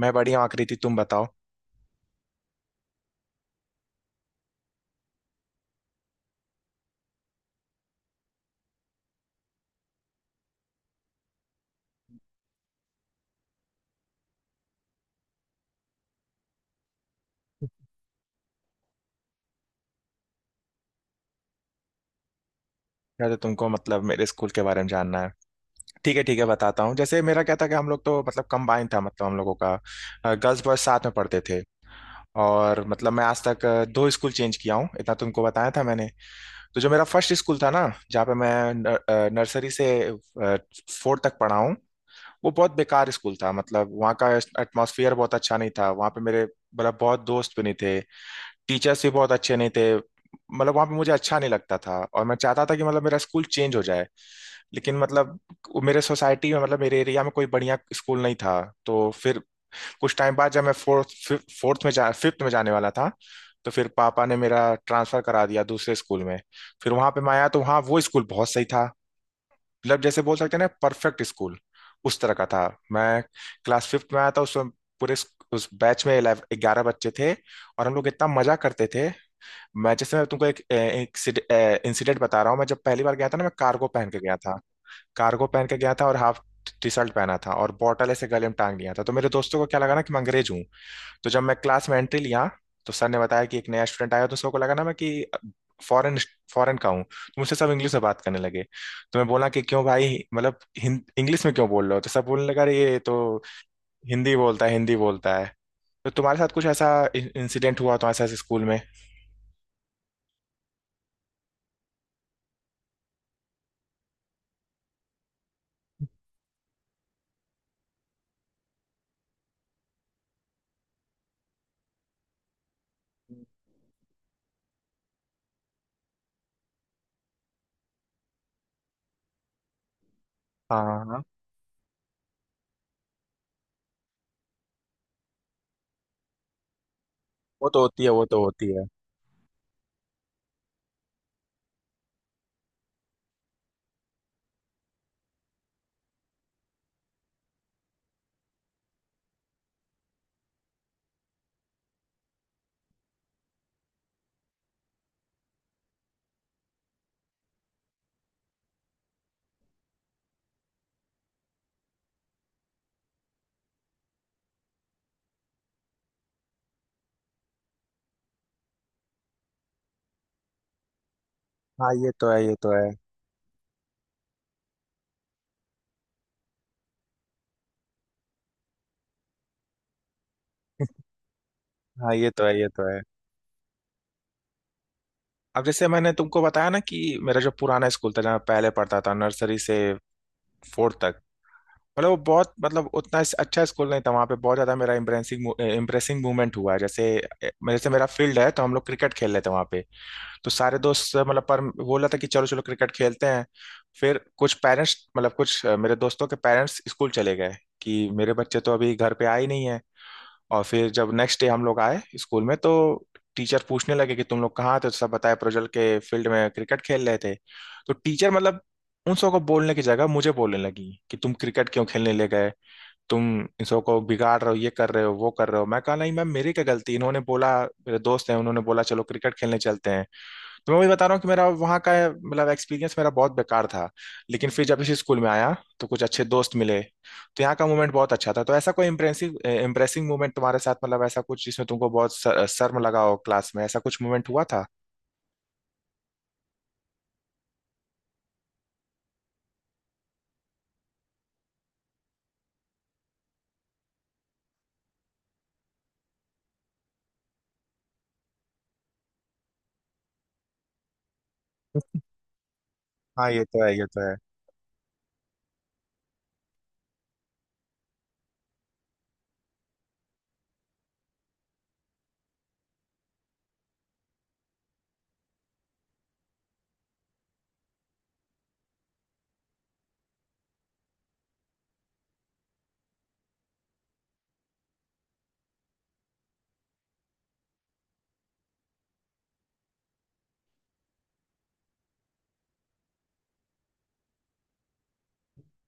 मैं बढ़िया हूँ आकृति। तुम बताओ। या तो तुमको मतलब मेरे स्कूल के बारे में जानना है। ठीक है ठीक है, बताता हूँ। जैसे मेरा क्या था कि हम लोग तो मतलब कंबाइन था, मतलब हम लोगों का गर्ल्स बॉयज साथ में पढ़ते थे। और मतलब मैं आज तक दो स्कूल चेंज किया हूँ, इतना तुमको बताया था मैंने। तो जो मेरा फर्स्ट स्कूल था ना, जहाँ पे मैं नर्सरी से फोर्थ तक पढ़ा हूँ, वो बहुत बेकार स्कूल था। मतलब वहाँ का एटमॉस्फेयर बहुत अच्छा नहीं था। वहाँ पे मेरे मतलब बहुत दोस्त भी नहीं थे, टीचर्स भी बहुत अच्छे नहीं थे। मतलब वहां पे मुझे अच्छा नहीं लगता था और मैं चाहता था कि मतलब मेरा स्कूल चेंज हो जाए। लेकिन मतलब वो मेरे सोसाइटी में, मतलब मेरे एरिया में कोई बढ़िया स्कूल नहीं था। तो फिर कुछ टाइम बाद जब मैं फोर्थ फोर्थ में जा फिफ्थ में जाने वाला था, तो फिर पापा ने मेरा ट्रांसफर करा दिया दूसरे स्कूल में। फिर वहां पे मैं आया तो वहाँ वो स्कूल बहुत सही था, मतलब जैसे बोल सकते हैं ना परफेक्ट स्कूल उस तरह का था। मैं क्लास फिफ्थ में आया था उसमें। उस बैच में 11 बच्चे थे और हम लोग इतना मजा करते थे। मैनचेस्टर में तुमको एक इंसिडेंट बता रहा हूँ। मैं जब पहली बार गया था ना, मैं कार्गो पहन के गया था। कार्गो पहन के गया था और हाफ टी शर्ट पहना था, और बॉटल ऐसे गले में टांग लिया था। तो मेरे दोस्तों को क्या लगा ना कि मैं अंग्रेज हूँ। तो जब मैं क्लास में एंट्री लिया तो सर ने बताया कि एक नया स्टूडेंट आया। तो सबको लगा ना मैं कि फॉरेन फॉरेन का हूँ। तो मुझसे सब इंग्लिश में बात करने लगे। तो मैं बोला कि क्यों भाई, मतलब इंग्लिश में क्यों बोल रहे हो। तो सब बोलने लगा अरे ये तो हिंदी बोलता है हिंदी बोलता है। तो तुम्हारे साथ कुछ ऐसा इंसिडेंट हुआ तो ऐसा स्कूल में? हाँ वो तो होती है वो तो होती है। हाँ ये तो है ये तो है। हाँ ये तो है ये तो है। अब जैसे मैंने तुमको बताया ना कि मेरा जो पुराना स्कूल था, जहाँ मैं पहले पढ़ता था, नर्सरी से फोर्थ तक। मतलब वो बहुत मतलब उतना अच्छा स्कूल नहीं था। वहाँ पे बहुत ज़्यादा मेरा इम्प्रेसिंग इम्प्रेसिंग मूवमेंट हुआ है। जैसे जैसे मेरा फील्ड है तो हम लोग क्रिकेट खेल लेते हैं वहाँ पे। तो सारे दोस्त मतलब पर बोला था कि चलो चलो क्रिकेट खेलते हैं। फिर कुछ पेरेंट्स, मतलब कुछ मेरे दोस्तों के पेरेंट्स स्कूल चले गए कि मेरे बच्चे तो अभी घर पे आए ही नहीं है। और फिर जब नेक्स्ट डे हम लोग आए स्कूल में, तो टीचर पूछने लगे कि तुम लोग कहाँ थे, तो सब बताए प्रज्वल के फील्ड में क्रिकेट खेल रहे थे। तो टीचर मतलब उन सबको बोलने की जगह मुझे बोलने लगी कि तुम क्रिकेट क्यों खेलने ले गए, तुम इन सबको बिगाड़ रहे हो, ये कर रहे हो वो कर रहे हो। मैं कहा नहीं मैम, मेरी क्या गलती, इन्होंने बोला मेरे दोस्त हैं, उन्होंने बोला चलो क्रिकेट खेलने चलते हैं। तो मैं वही बता रहा हूँ कि मेरा वहाँ का मतलब एक्सपीरियंस मेरा बहुत बेकार था। लेकिन फिर जब इसी स्कूल में आया तो कुछ अच्छे दोस्त मिले, तो यहाँ का मोमेंट बहुत अच्छा था। तो ऐसा कोई इम्प्रेसिव इम्प्रेसिंग मोमेंट तुम्हारे साथ, मतलब ऐसा कुछ जिसमें तुमको बहुत शर्म लगा हो क्लास में, ऐसा कुछ मोमेंट हुआ था? हाँ ये तो है ये तो है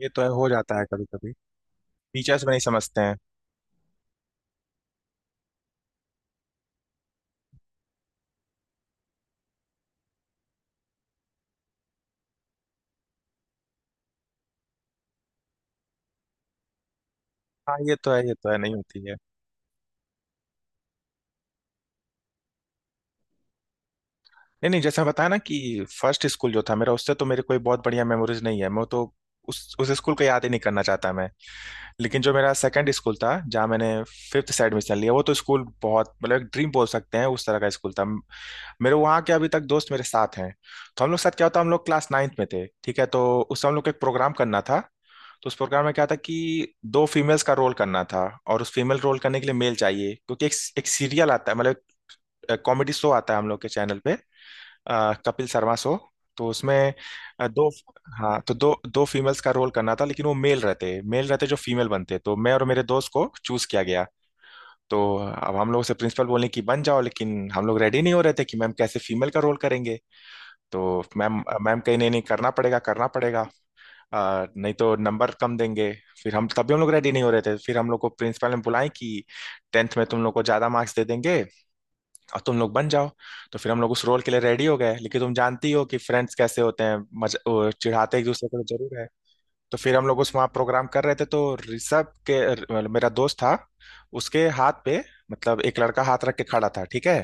ये तो है। हो जाता है कभी कभी, टीचर्स भी नहीं समझते हैं। हाँ ये तो है नहीं होती है। नहीं नहीं, जैसा बताया ना कि फर्स्ट स्कूल जो था मेरा, उससे तो मेरे कोई बहुत बढ़िया मेमोरीज नहीं है। मैं तो उस स्कूल को याद ही नहीं करना चाहता मैं। लेकिन जो मेरा सेकंड स्कूल था, जहाँ मैंने फिफ्थ से एडमिशन लिया, वो तो स्कूल बहुत मतलब एक ड्रीम बोल सकते हैं उस तरह का स्कूल था। मेरे वहाँ के अभी तक दोस्त मेरे साथ हैं। तो हम लोग के साथ क्या होता, हम लोग क्लास नाइन्थ में थे, ठीक है, तो उस समय हम लोग को एक प्रोग्राम करना था। तो उस प्रोग्राम में क्या था कि दो फीमेल्स का रोल करना था। और उस फीमेल रोल करने के लिए मेल चाहिए, क्योंकि एक एक सीरियल आता है, मतलब कॉमेडी शो आता है हम लोग के चैनल पे, कपिल शर्मा शो। तो उसमें अ, दो हाँ तो दो दो फीमेल्स का रोल करना था, लेकिन वो मेल रहते जो फीमेल बनते, तो मैं और मेरे दोस्त को चूज किया गया। तो अब हम लोग से प्रिंसिपल बोले कि बन जाओ, लेकिन हम लोग रेडी नहीं हो रहे थे कि मैम कैसे फीमेल का रोल करेंगे। तो मैम मैम कहीं नहीं नहीं करना पड़ेगा करना पड़ेगा। नहीं तो नंबर कम देंगे। फिर हम लोग रेडी नहीं हो रहे थे, फिर हम लोग को प्रिंसिपल ने बुलाए कि 10वीं में तुम लोग को ज्यादा मार्क्स दे देंगे और तुम लोग बन जाओ। तो फिर हम लोग उस रोल के लिए रेडी हो गए। लेकिन तुम जानती हो कि फ्रेंड्स कैसे होते हैं, मज वो चिढ़ाते एक दूसरे को तो जरूर है। तो फिर हम लोग उस वहाँ प्रोग्राम कर रहे थे। तो ऋषभ के मतलब मेरा दोस्त था, उसके हाथ पे, मतलब एक लड़का हाथ रख के खड़ा था, ठीक है।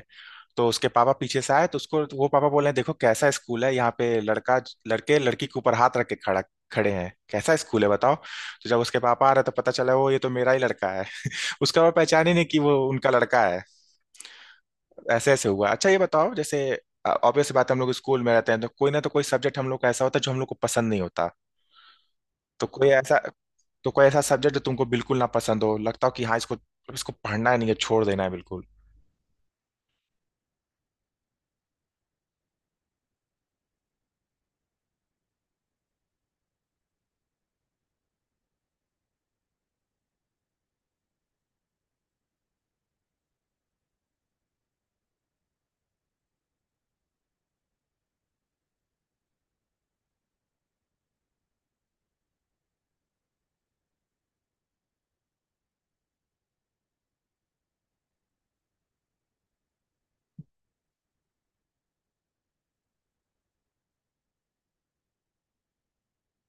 तो उसके पापा पीछे से आए तो उसको वो पापा बोले हैं देखो कैसा स्कूल है यहाँ पे, लड़का लड़के लड़की के ऊपर हाथ रख के खड़ा खड़े हैं, कैसा स्कूल है बताओ। तो जब उसके पापा आ रहे तो पता चला वो, ये तो मेरा ही लड़का है। उसका वो पहचान ही नहीं कि वो उनका लड़का। ऐसे ऐसे हुआ। अच्छा ये बताओ, जैसे ऑब्वियस बात है हम लोग स्कूल में रहते हैं, तो कोई ना तो कोई सब्जेक्ट हम लोग का ऐसा होता है जो हम लोग को पसंद नहीं होता। तो कोई ऐसा तो कोई ऐसा सब्जेक्ट जो तुमको बिल्कुल ना पसंद हो, लगता हो कि हाँ इसको इसको पढ़ना नहीं है छोड़ देना है बिल्कुल।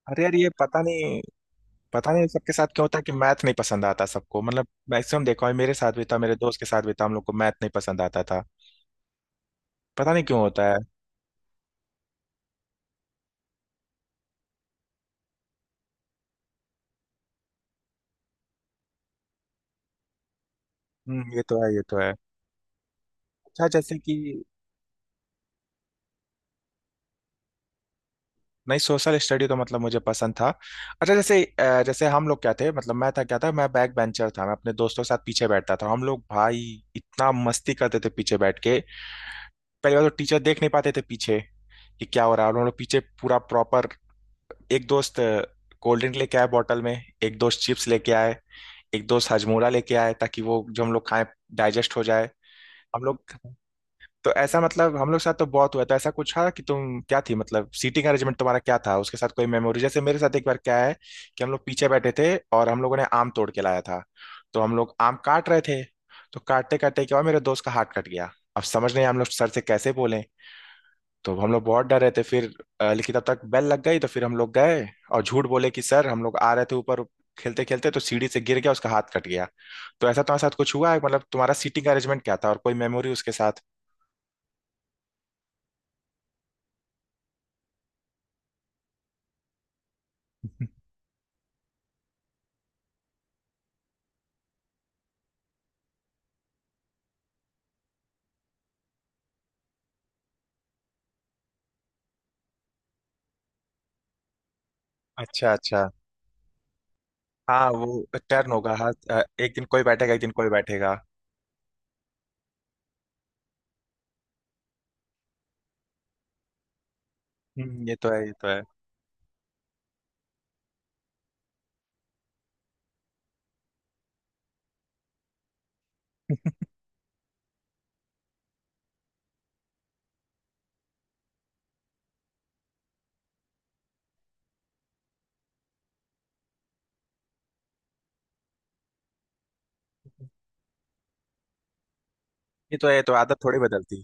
अरे यार ये पता नहीं, पता नहीं सबके साथ क्यों होता है कि मैथ नहीं पसंद आता सबको। मतलब मैक्सिमम देखा है, मेरे साथ भी था मेरे दोस्त के साथ भी था, हम लोग को मैथ नहीं पसंद आता था। पता नहीं क्यों होता है। ये तो है ये तो है। अच्छा जैसे कि नहीं सोशल स्टडी तो मतलब मुझे पसंद था। अच्छा जैसे जैसे हम लोग क्या थे, मतलब मैं था क्या था, मैं बैक बेंचर था, मैं अपने दोस्तों के साथ पीछे बैठता था। हम लोग भाई इतना मस्ती करते थे पीछे बैठ के। पहली बार तो टीचर देख नहीं पाते थे पीछे कि क्या हो रहा है। और हम लोग पीछे पूरा प्रॉपर, एक दोस्त कोल्ड ड्रिंक लेके आए बॉटल में, एक दोस्त चिप्स लेके आए, एक दोस्त हजमोला लेके आए ताकि वो जो हम लोग खाएं डाइजेस्ट हो जाए हम लोग। तो ऐसा मतलब हम लोग के साथ तो बहुत हुआ था। ऐसा कुछ था कि तुम क्या थी, मतलब सीटिंग अरेंजमेंट तुम्हारा क्या था, उसके साथ कोई मेमोरी? जैसे मेरे साथ एक बार क्या है कि हम लोग पीछे बैठे थे और हम लोगों ने आम तोड़ के लाया था, तो हम लोग आम काट रहे थे। तो काटते काटते क्या हुआ, मेरे दोस्त का हाथ कट गया। अब समझ नहीं हम लोग सर से कैसे बोले, तो हम लोग बहुत डर रहे थे। फिर लेकिन तब तक बेल लग गई, तो फिर हम लोग गए और झूठ बोले कि सर हम लोग आ रहे थे ऊपर, खेलते खेलते तो सीढ़ी से गिर गया, उसका हाथ कट गया। तो ऐसा तुम्हारे साथ कुछ हुआ है, मतलब तुम्हारा सीटिंग अरेंजमेंट क्या था और कोई मेमोरी उसके साथ? अच्छा अच्छा। हाँ वो टर्न होगा, हाँ एक दिन कोई बैठेगा एक दिन कोई बैठेगा। ये तो है ये तो है ये तो है, ये तो आदत थोड़ी बदलती।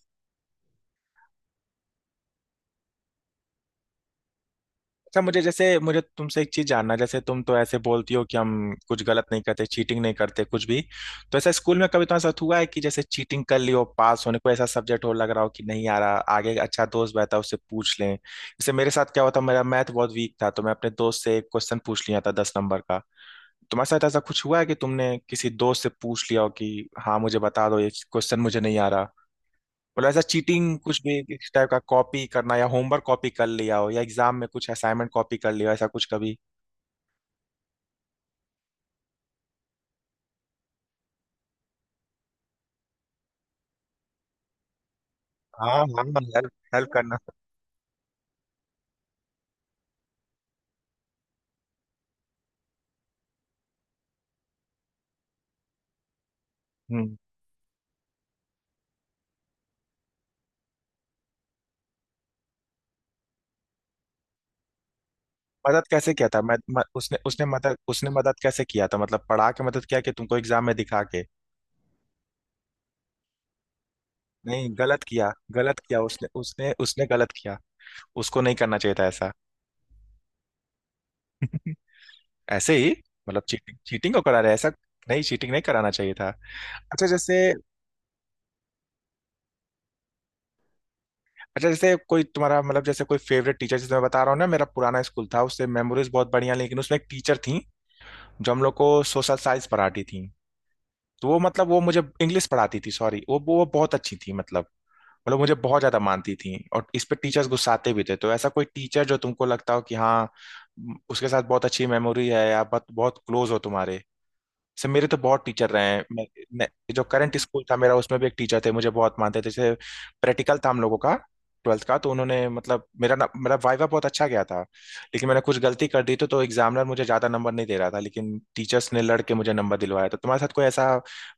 अच्छा मुझे, जैसे मुझे तुमसे एक चीज जानना है, जैसे तुम तो ऐसे बोलती हो कि हम कुछ गलत नहीं करते चीटिंग नहीं करते कुछ भी। तो ऐसा स्कूल में कभी तुम्हारे साथ हुआ है कि जैसे चीटिंग कर लियो पास होने को, ऐसा सब्जेक्ट हो लग रहा हो कि नहीं आ रहा, आगे एक अच्छा दोस्त बैठा उससे पूछ लें? जैसे मेरे साथ क्या हुआ था, मेरा मैथ बहुत वीक था, तो मैं अपने दोस्त से एक क्वेश्चन पूछ लिया था 10 नंबर का। तुम्हारे साथ ऐसा कुछ हुआ है कि तुमने किसी दोस्त से पूछ लिया हो कि हाँ मुझे बता दो ये क्वेश्चन मुझे नहीं आ रहा? मतलब ऐसा चीटिंग कुछ भी इस टाइप का, कॉपी करना या होमवर्क कॉपी कर लिया हो, या एग्जाम में कुछ असाइनमेंट कॉपी कर लिया हो, ऐसा कुछ कभी? हाँ हाँ। हेल्प हेल्प करना। हम्म। मदद कैसे किया था? मैं उसने उसने मदद कैसे किया था, मतलब पढ़ा के मदद किया कि तुमको एग्जाम में दिखा के? नहीं गलत किया। गलत किया उसने, उसने गलत किया। उसको नहीं करना चाहिए था ऐसा। ऐसे ही। मतलब चीटिंग चीटिंग को करा रहे ऐसा। नहीं चीटिंग नहीं कराना चाहिए था। अच्छा जैसे। अच्छा जैसे कोई तुम्हारा, मतलब जैसे कोई फेवरेट टीचर, जैसे मैं बता रहा हूँ ना मेरा पुराना स्कूल था उससे मेमोरीज बहुत बढ़िया, लेकिन उसमें एक टीचर थी जो हम लोग को सोशल साइंस पढ़ाती थी। तो वो मतलब वो मुझे इंग्लिश पढ़ाती थी, सॉरी, वो बहुत अच्छी थी, मतलब मतलब मुझे बहुत ज्यादा मानती थी, और इस पे टीचर्स गुस्साते भी थे। तो ऐसा कोई टीचर जो तुमको लगता हो कि हाँ उसके साथ बहुत अच्छी मेमोरी है, या बहुत बहुत क्लोज हो तुम्हारे से? मेरे तो बहुत टीचर रहे हैं। मैं, जो करंट स्कूल था मेरा उसमें भी एक टीचर थे, मुझे बहुत मानते थे। जैसे प्रैक्टिकल था हम लोगों का 12वीं का, तो उन्होंने मतलब मेरा ना मेरा वाइवा बहुत अच्छा गया था, लेकिन मैंने कुछ गलती कर दी तो एग्जामिनर मुझे ज्यादा नंबर नहीं दे रहा था, लेकिन टीचर्स ने लड़ के मुझे नंबर दिलवाया। तो तुम्हारे साथ कोई ऐसा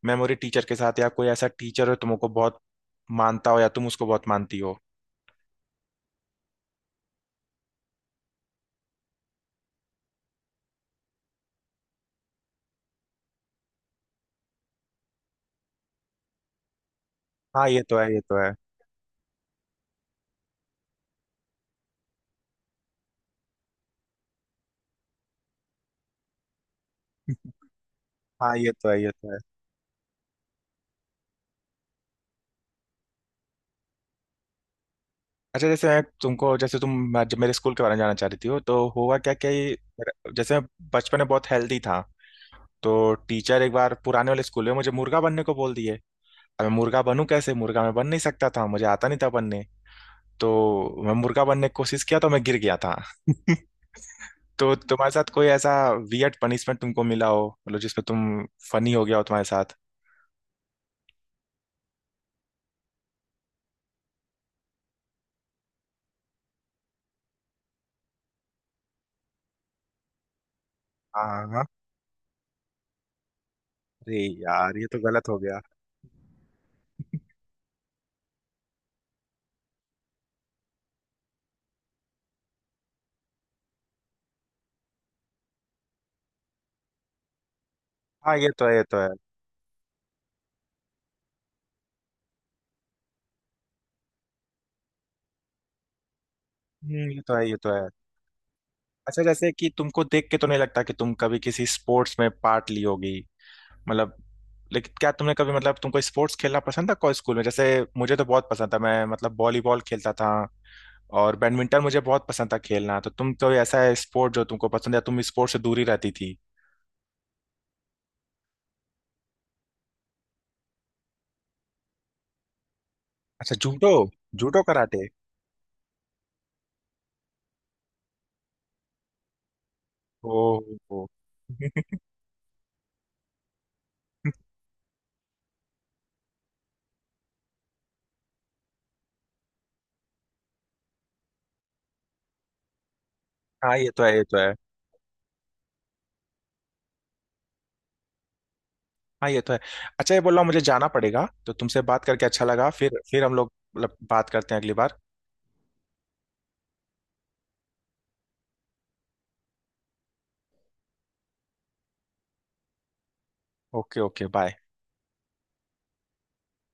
मेमोरी टीचर के साथ, या कोई ऐसा टीचर हो तुमको बहुत मानता हो या तुम उसको बहुत मानती हो? हाँ ये तो है ये तो है। हाँ ये तो है ये तो है। अच्छा जैसे मैं तुमको, जैसे तुम जब मेरे स्कूल के बारे में जानना चाह रही थी हो, तो हुआ क्या क्या ये जैसे मैं बचपन में बहुत हेल्दी था, तो टीचर एक बार पुराने वाले स्कूल में मुझे मुर्गा बनने को बोल दिए। अब मैं मुर्गा बनूं कैसे, मुर्गा मैं बन नहीं सकता था, मुझे आता नहीं था बनने। तो मैं मुर्गा बनने की कोशिश किया तो मैं गिर गया था। तो तुम्हारे साथ कोई ऐसा वियर्ड पनिशमेंट तुमको मिला हो, मतलब जिसमें तुम फनी हो गया हो तुम्हारे साथ? हाँ हाँ। अरे यार ये तो गलत हो गया। हाँ ये तो है ये तो है। ये तो है ये तो है। अच्छा जैसे कि तुमको देख के तो नहीं लगता कि तुम कभी किसी स्पोर्ट्स में पार्ट ली होगी मतलब। लेकिन क्या तुमने कभी, मतलब तुमको स्पोर्ट्स खेलना पसंद था को स्कूल में? जैसे मुझे तो बहुत पसंद था, मैं मतलब वॉलीबॉल खेलता था और बैडमिंटन मुझे बहुत पसंद था खेलना। तो तुम कोई ऐसा है स्पोर्ट जो तुमको पसंद है, तुम स्पोर्ट्स से दूरी रहती थी? अच्छा जूडो, जूडो कराटे। ओ, ओ। हाँ ये तो है ये तो है। हाँ ये तो है। अच्छा ये बोल रहा हूँ मुझे जाना पड़ेगा, तो तुमसे बात करके अच्छा लगा, फिर हम लोग मतलब बात करते हैं अगली बार। Okay okay bye.